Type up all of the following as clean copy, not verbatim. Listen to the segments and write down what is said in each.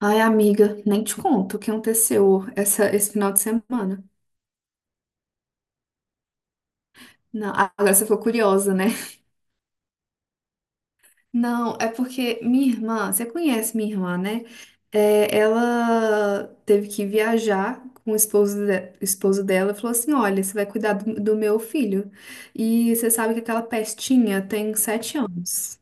Ai, amiga, nem te conto o que aconteceu esse final de semana. Não, agora você ficou curiosa, né? Não, é porque minha irmã, você conhece minha irmã, né? É, ela teve que viajar com o esposo, o esposo dela e falou assim: Olha, você vai cuidar do meu filho. E você sabe que aquela pestinha tem sete anos.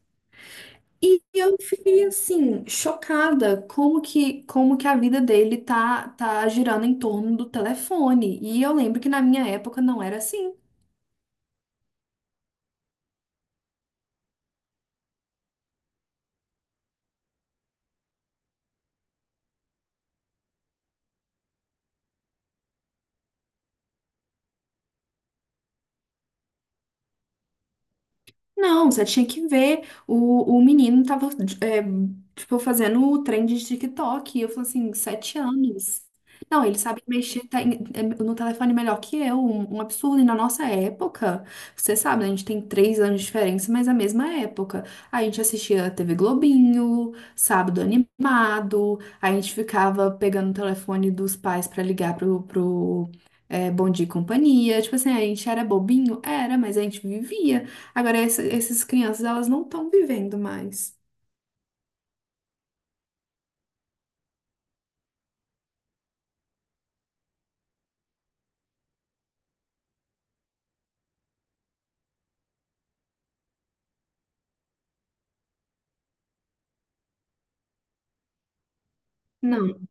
E eu fiquei assim, chocada como que a vida dele tá girando em torno do telefone. E eu lembro que na minha época não era assim. Não, você tinha que ver. O menino tava, é, tipo, fazendo o trem de TikTok. E eu falei assim, sete anos. Não, ele sabe no telefone melhor que eu. Um absurdo. E na nossa época, você sabe, né, a gente tem três anos de diferença, mas é a mesma época. A gente assistia TV Globinho, Sábado Animado. A gente ficava pegando o telefone dos pais pra Bom Dia e Companhia. Tipo assim, a gente era bobinho? Era, mas a gente vivia. Agora, essas crianças, elas não estão vivendo mais. Não,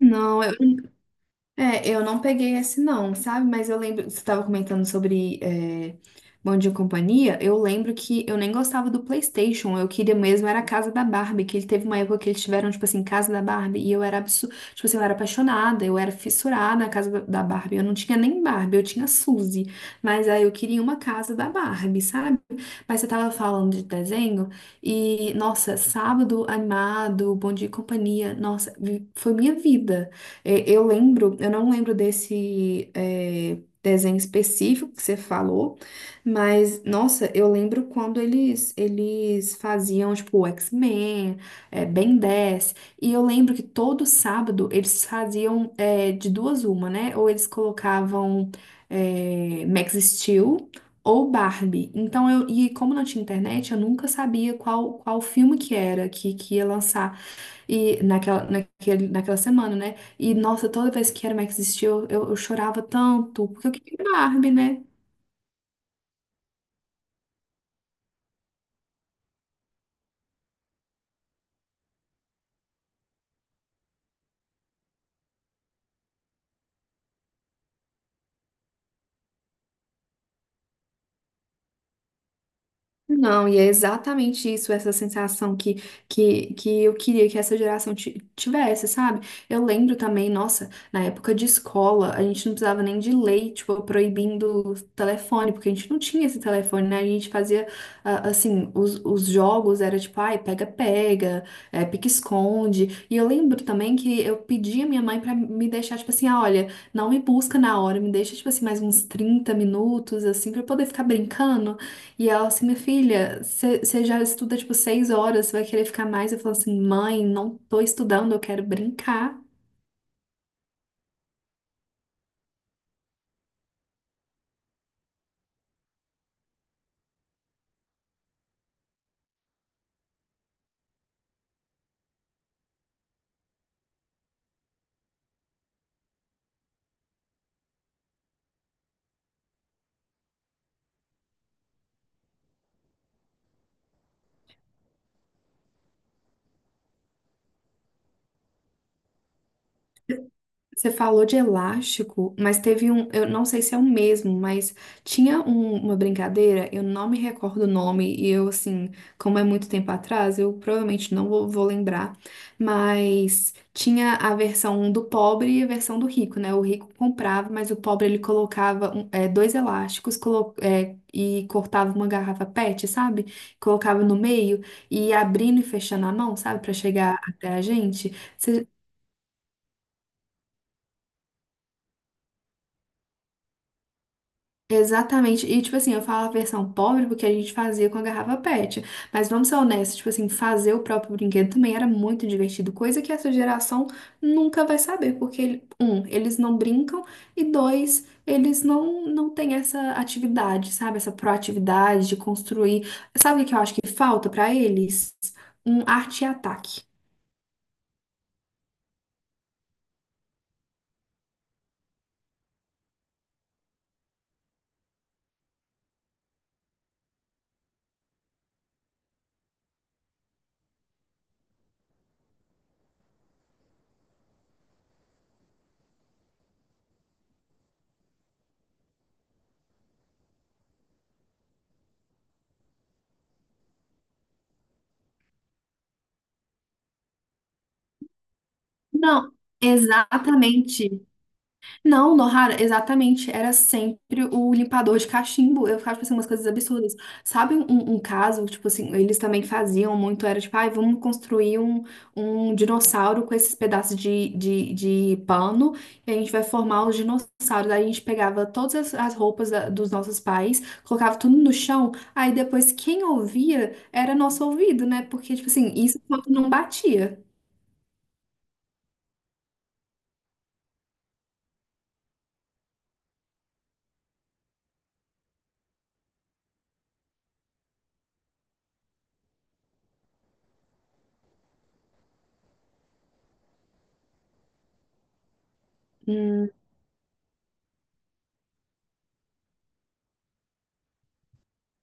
não, eu, É, eu não peguei esse não, sabe? Mas eu lembro, você estava comentando sobre Bom Dia e Companhia, eu lembro que eu nem gostava do PlayStation, eu queria mesmo era a casa da Barbie, que ele teve uma época que eles tiveram, tipo assim, casa da Barbie, e eu era absurda, tipo assim, eu era apaixonada, eu era fissurada na casa da Barbie, eu não tinha nem Barbie, eu tinha Suzy, mas aí eu queria uma casa da Barbie, sabe? Mas você tava falando de desenho, e nossa, sábado animado, Bom Dia e Companhia, nossa, foi minha vida. Eu lembro, eu não lembro desse desenho específico que você falou, mas nossa, eu lembro quando eles faziam tipo o X-Men, Ben 10, e eu lembro que todo sábado eles faziam de duas uma, né? Ou eles colocavam Max Steel ou Barbie. Então eu e como não tinha internet, eu nunca sabia qual filme que era que ia lançar. E naquela semana, né? E nossa, toda vez que era Max Steel, eu chorava tanto, porque eu queria Barbie, né? Não, e é exatamente isso, essa sensação que eu queria que essa geração tivesse, sabe? Eu lembro também, nossa, na época de escola, a gente não precisava nem de lei, tipo, proibindo o telefone, porque a gente não tinha esse telefone, né? A gente fazia, ah, assim, os jogos era tipo, ai, pega-pega, pique-esconde. E eu lembro também que eu pedi a minha mãe pra me deixar, tipo assim, ah, olha, não me busca na hora, me deixa, tipo assim, mais uns 30 minutos, assim, pra eu poder ficar brincando. E ela assim, minha filha, você já estuda tipo 6 horas, você vai querer ficar mais? Eu falo assim, mãe, não tô estudando, eu quero brincar. Você falou de elástico, mas teve um, eu não sei se é o mesmo, mas tinha uma brincadeira, eu não me recordo o nome, e eu, assim, como é muito tempo atrás, eu provavelmente não vou, vou lembrar, mas tinha a versão do pobre e a versão do rico, né? O rico comprava, mas o pobre ele colocava dois elásticos e cortava uma garrafa PET, sabe? Colocava no meio e ia abrindo e fechando a mão, sabe? Pra chegar até a gente. Você Exatamente. E, tipo assim, eu falo a versão pobre porque a gente fazia com a garrafa PET. Mas vamos ser honestos, tipo assim, fazer o próprio brinquedo também era muito divertido, coisa que essa geração nunca vai saber, porque, um, eles não brincam, e dois, eles não, não têm essa atividade, sabe? Essa proatividade de construir. Sabe o que eu acho que falta pra eles? Um arte e ataque. Não, exatamente. Não, Nohara, exatamente. Era sempre o limpador de cachimbo. Eu ficava pensando umas coisas absurdas. Sabe um caso, tipo assim, eles também faziam muito, era tipo, ai, vamos construir um, um dinossauro com esses pedaços de pano e a gente vai formar os dinossauros. Aí a gente pegava todas as roupas dos nossos pais, colocava tudo no chão, aí depois quem ouvia era nosso ouvido, né? Porque, tipo assim, isso quando não batia.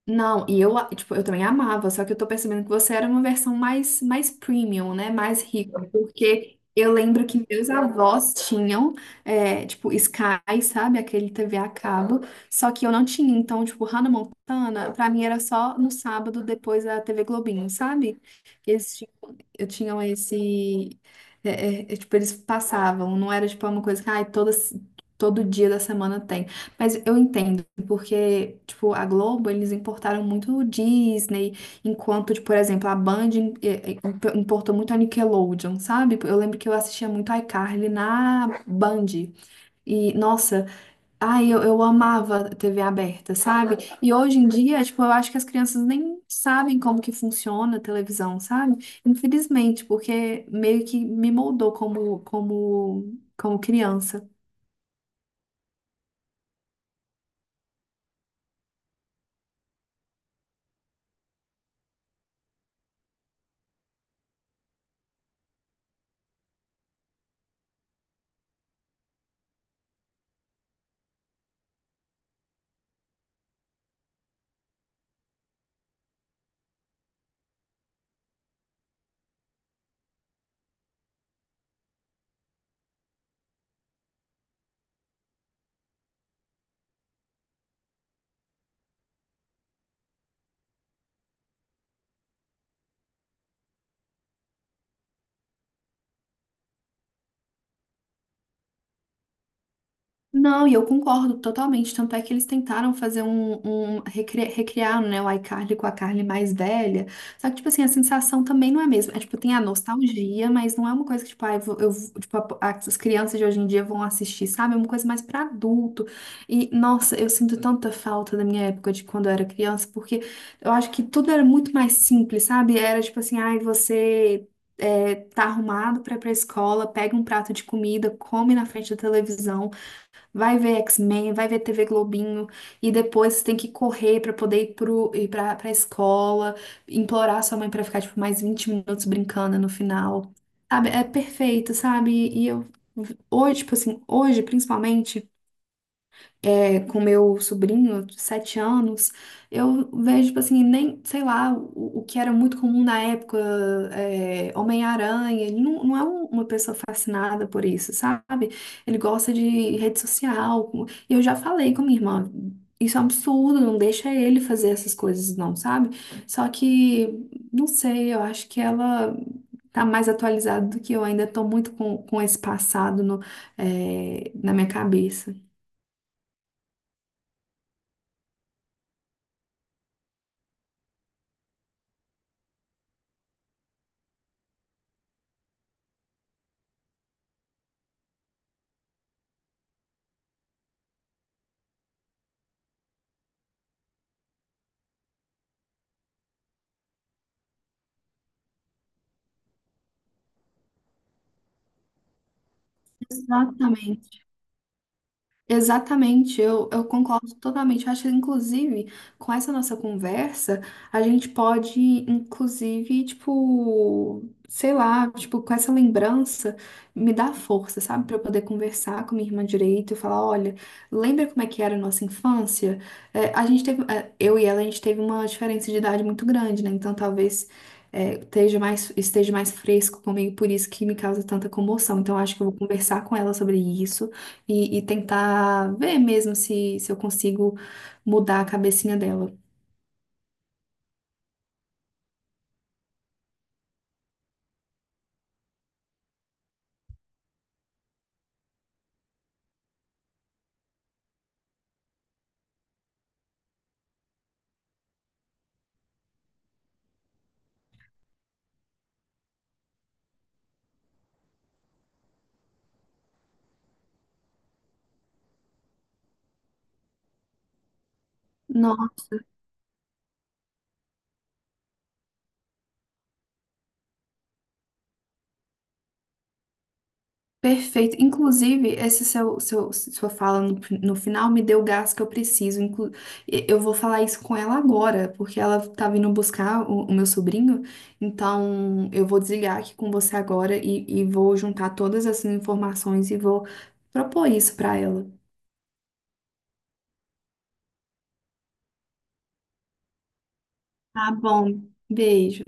Não, e eu, tipo, eu também amava, só que eu tô percebendo que você era uma versão mais premium, né? Mais rica, porque eu lembro que meus avós tinham, tipo, Sky, sabe? Aquele TV a cabo, só que eu não tinha. Então, tipo, Hannah Montana, pra mim era só no sábado depois da TV Globinho, sabe? Eles tinham, eu tinham esse. é, tipo, eles passavam, não era, tipo, uma coisa que todo dia da semana tem. Mas eu entendo. Porque, tipo, a Globo, eles importaram muito o Disney, enquanto, tipo, por exemplo, a Band eh, eh, importou muito a Nickelodeon, sabe? Eu lembro que eu assistia muito iCarly na Band. E, nossa, eu amava TV aberta, sabe? E hoje em dia, tipo, eu acho que as crianças nem sabem como que funciona a televisão, sabe? Infelizmente, porque meio que me moldou como, como criança. Não, e eu concordo totalmente. Tanto é que eles tentaram fazer um, um recriar, né, o iCarly com a Carly mais velha. Só que, tipo assim, a sensação também não é a mesma. É, tipo, tem a nostalgia, mas não é uma coisa que, tipo, ah, tipo, as crianças de hoje em dia vão assistir, sabe? É uma coisa mais pra adulto. E, nossa, eu sinto tanta falta da minha época de quando eu era criança, porque eu acho que tudo era muito mais simples, sabe? Era, tipo assim, ai, você. Tá arrumado pra ir pra escola, pega um prato de comida, come na frente da televisão, vai ver X-Men, vai ver TV Globinho, e depois você tem que correr pra poder ir pra escola, implorar sua mãe pra ficar, tipo, mais 20 minutos brincando no final. Sabe? É perfeito, sabe? E eu, hoje, tipo assim, hoje, principalmente com meu sobrinho, de sete anos, eu vejo, tipo assim, nem, sei lá, o que era muito comum na época, Homem-Aranha, ele não, não é uma pessoa fascinada por isso, sabe? Ele gosta de rede social, e eu já falei com minha irmã, isso é um absurdo, não deixa ele fazer essas coisas não, sabe? Só que, não sei, eu acho que ela... Tá mais atualizada do que eu, ainda tô muito com esse passado no, é, na minha cabeça. Exatamente. Exatamente, eu concordo totalmente. Eu acho que, inclusive, com essa nossa conversa, a gente pode, inclusive, tipo, sei lá, tipo, com essa lembrança, me dar força, sabe? Para eu poder conversar com minha irmã direito e falar: olha, lembra como é que era a nossa infância? A gente teve, eu e ela, a gente teve uma diferença de idade muito grande, né? Então, talvez esteja esteja mais fresco comigo, por isso que me causa tanta comoção. Então, eu acho que eu vou conversar com ela sobre isso. E tentar ver mesmo se eu consigo mudar a cabecinha dela. Nossa, perfeito. Inclusive, sua fala no final me deu o gás que eu preciso. Inclu Eu vou falar isso com ela agora, porque ela tá vindo buscar o meu sobrinho. Então, eu vou desligar aqui com você agora e vou juntar todas essas informações e vou propor isso pra ela. Tá bom. Beijo.